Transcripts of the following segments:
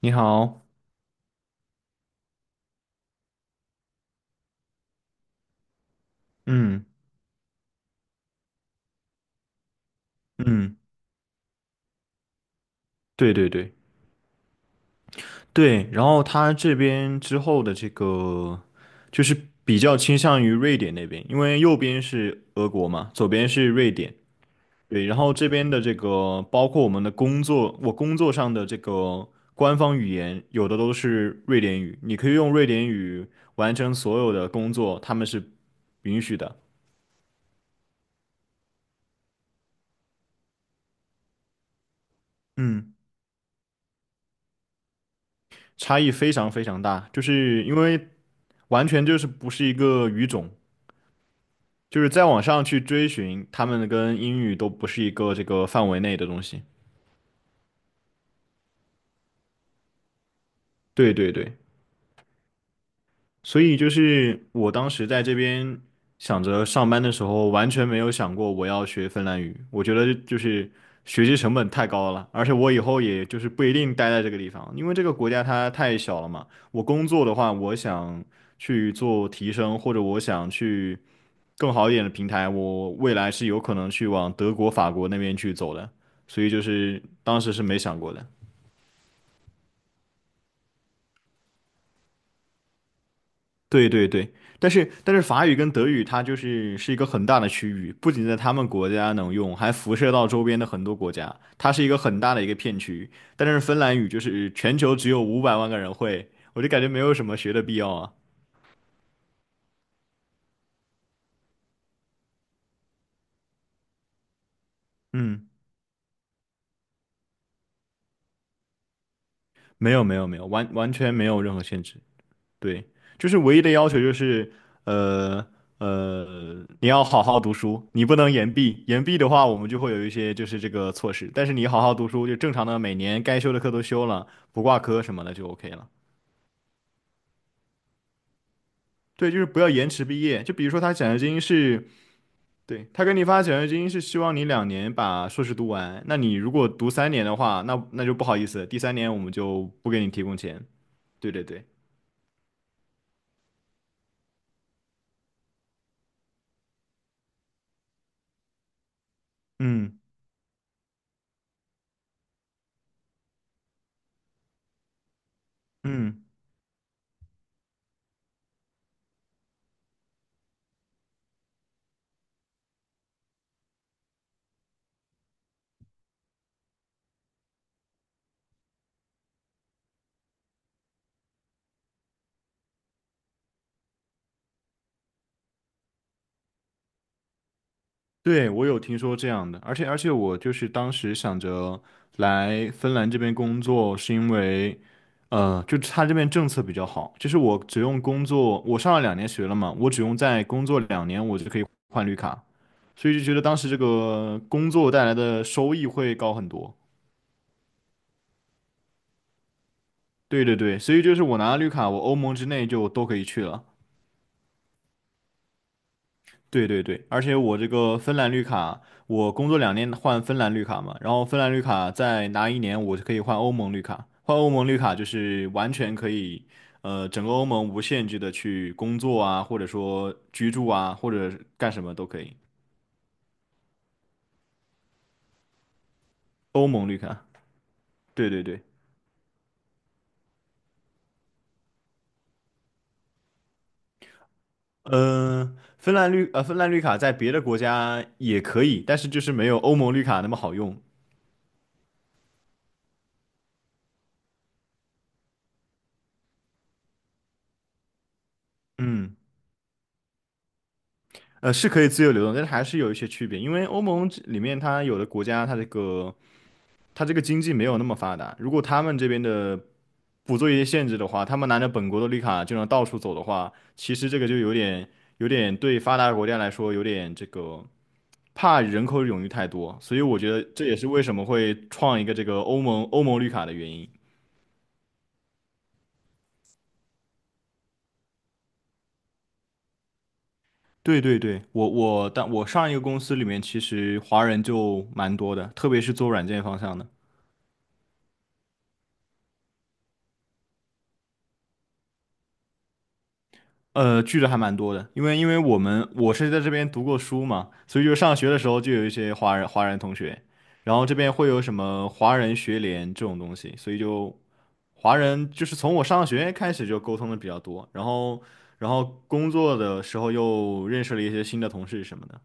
你好，嗯嗯，对对对对，然后他这边之后的这个就是比较倾向于瑞典那边，因为右边是俄国嘛，左边是瑞典，对，然后这边的这个包括我们的工作，我工作上的这个官方语言有的都是瑞典语，你可以用瑞典语完成所有的工作，他们是允许的。嗯，差异非常非常大，就是因为完全就是不是一个语种。就是再往上去追寻，他们跟英语都不是一个这个范围内的东西。对对对，所以就是我当时在这边想着上班的时候，完全没有想过我要学芬兰语。我觉得就是学习成本太高了，而且我以后也就是不一定待在这个地方，因为这个国家它太小了嘛。我工作的话，我想去做提升，或者我想去。更好一点的平台，我未来是有可能去往德国、法国那边去走的，所以就是当时是没想过的。对对对，但是法语跟德语它就是一个很大的区域，不仅在他们国家能用，还辐射到周边的很多国家，它是一个很大的一个片区。但是芬兰语就是全球只有500万个人会，我就感觉没有什么学的必要啊。嗯，没有没有没有，完完全没有任何限制。对，就是唯一的要求就是，呃你要好好读书，你不能延毕。延毕的话，我们就会有一些就是这个措施。但是你好好读书，就正常的每年该修的课都修了，不挂科什么的就 OK 了。对，就是不要延迟毕业。就比如说他奖学金是，对，他给你发奖学金是希望你两年把硕士读完。那你如果读三年的话，那就不好意思，第三年我们就不给你提供钱。对对对，嗯嗯。对，我有听说这样的，而且我就是当时想着来芬兰这边工作，是因为，就他这边政策比较好，就是我只用工作，我上了两年学了嘛，我只用再工作两年，我就可以换绿卡，所以就觉得当时这个工作带来的收益会高很多。对对对，所以就是我拿了绿卡，我欧盟之内就都可以去了。对对对，而且我这个芬兰绿卡，我工作两年换芬兰绿卡嘛，然后芬兰绿卡再拿一年，我就可以换欧盟绿卡。换欧盟绿卡就是完全可以，整个欧盟无限制的去工作啊，或者说居住啊，或者干什么都可以。欧盟绿卡，对对对，芬兰绿卡在别的国家也可以，但是就是没有欧盟绿卡那么好用。嗯，是可以自由流动，但是还是有一些区别，因为欧盟这里面它有的国家它这个他这个经济没有那么发达，如果他们这边的不做一些限制的话，他们拿着本国的绿卡就能到处走的话，其实这个就有点对发达国家来说有点这个怕人口涌入太多，所以我觉得这也是为什么会创一个这个欧盟绿卡的原因。对对对，但我上一个公司里面其实华人就蛮多的，特别是做软件方向的。聚的还蛮多的，因为我们我是在这边读过书嘛，所以就上学的时候就有一些华人同学，然后这边会有什么华人学联这种东西，所以就华人就是从我上学开始就沟通的比较多，然后工作的时候又认识了一些新的同事什么的，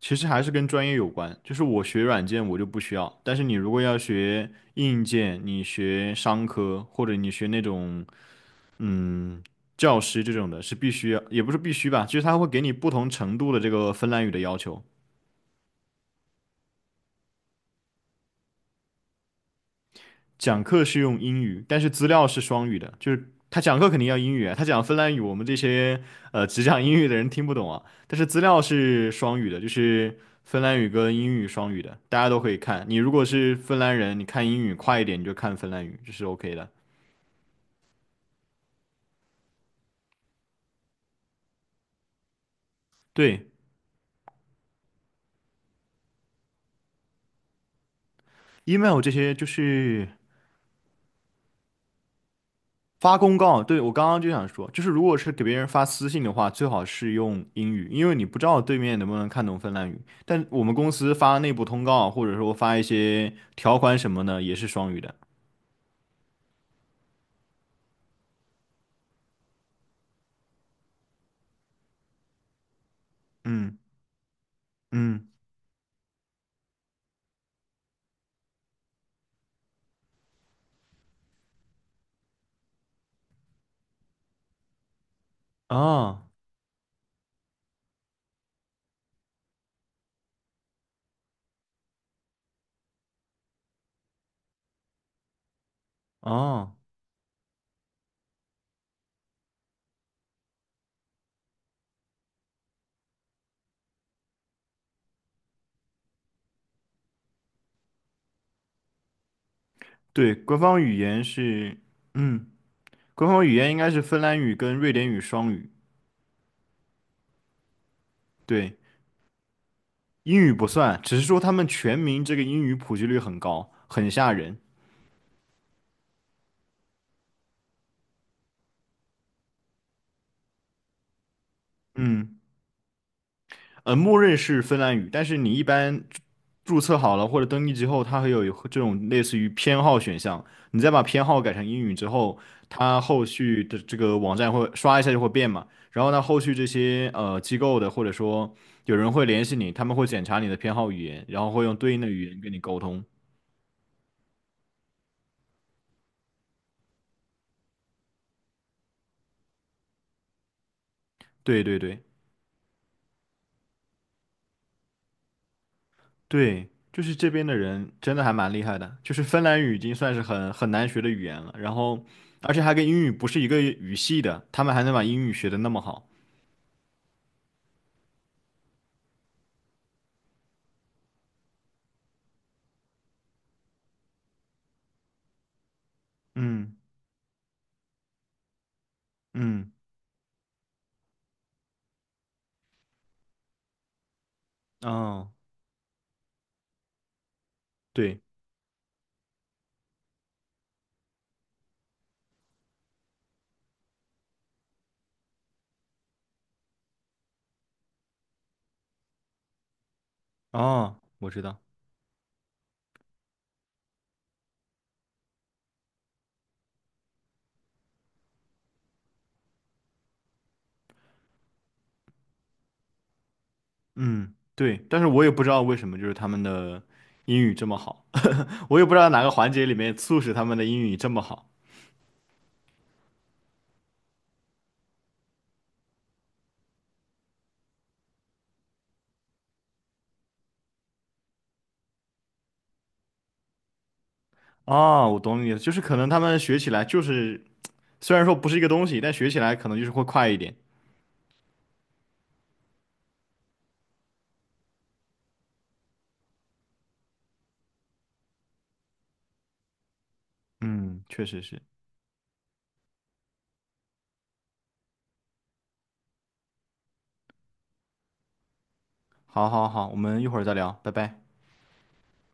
其实还是跟专业有关，就是我学软件我就不需要，但是你如果要学硬件，你学商科或者你学那种。嗯，教师这种的是必须，也不是必须吧，就是他会给你不同程度的这个芬兰语的要求。讲课是用英语，但是资料是双语的，就是他讲课肯定要英语啊，他讲芬兰语，我们这些只讲英语的人听不懂啊。但是资料是双语的，就是芬兰语跟英语双语的，大家都可以看。你如果是芬兰人，你看英语快一点，你就看芬兰语，这是 OK 的。对，email 这些就是。发公告，对，我刚刚就想说，就是如果是给别人发私信的话，最好是用英语，因为你不知道对面能不能看懂芬兰语。但我们公司发内部通告，或者说发一些条款什么的，也是双语的。嗯嗯，啊啊，对，官方语言是，嗯，官方语言应该是芬兰语跟瑞典语双语。对，英语不算，只是说他们全民这个英语普及率很高，很吓人。嗯。默认是芬兰语，但是你一般注册好了或者登记之后，它会有这种类似于偏好选项。你再把偏好改成英语之后，它后续的这个网站会刷一下就会变嘛。然后呢，后续这些机构的或者说有人会联系你，他们会检查你的偏好语言，然后会用对应的语言跟你沟通。对对对。对，就是这边的人真的还蛮厉害的，就是芬兰语已经算是很难学的语言了，然后而且还跟英语不是一个语系的，他们还能把英语学得那么好。嗯嗯，哦，对，哦，我知道，嗯，对，但是我也不知道为什么就是他们的英语这么好，我也不知道哪个环节里面促使他们的英语这么好。哦，我懂你的，就是可能他们学起来就是虽然说不是一个东西，但学起来可能就是会快一点。嗯，确实是。好好好，我们一会儿再聊，拜拜。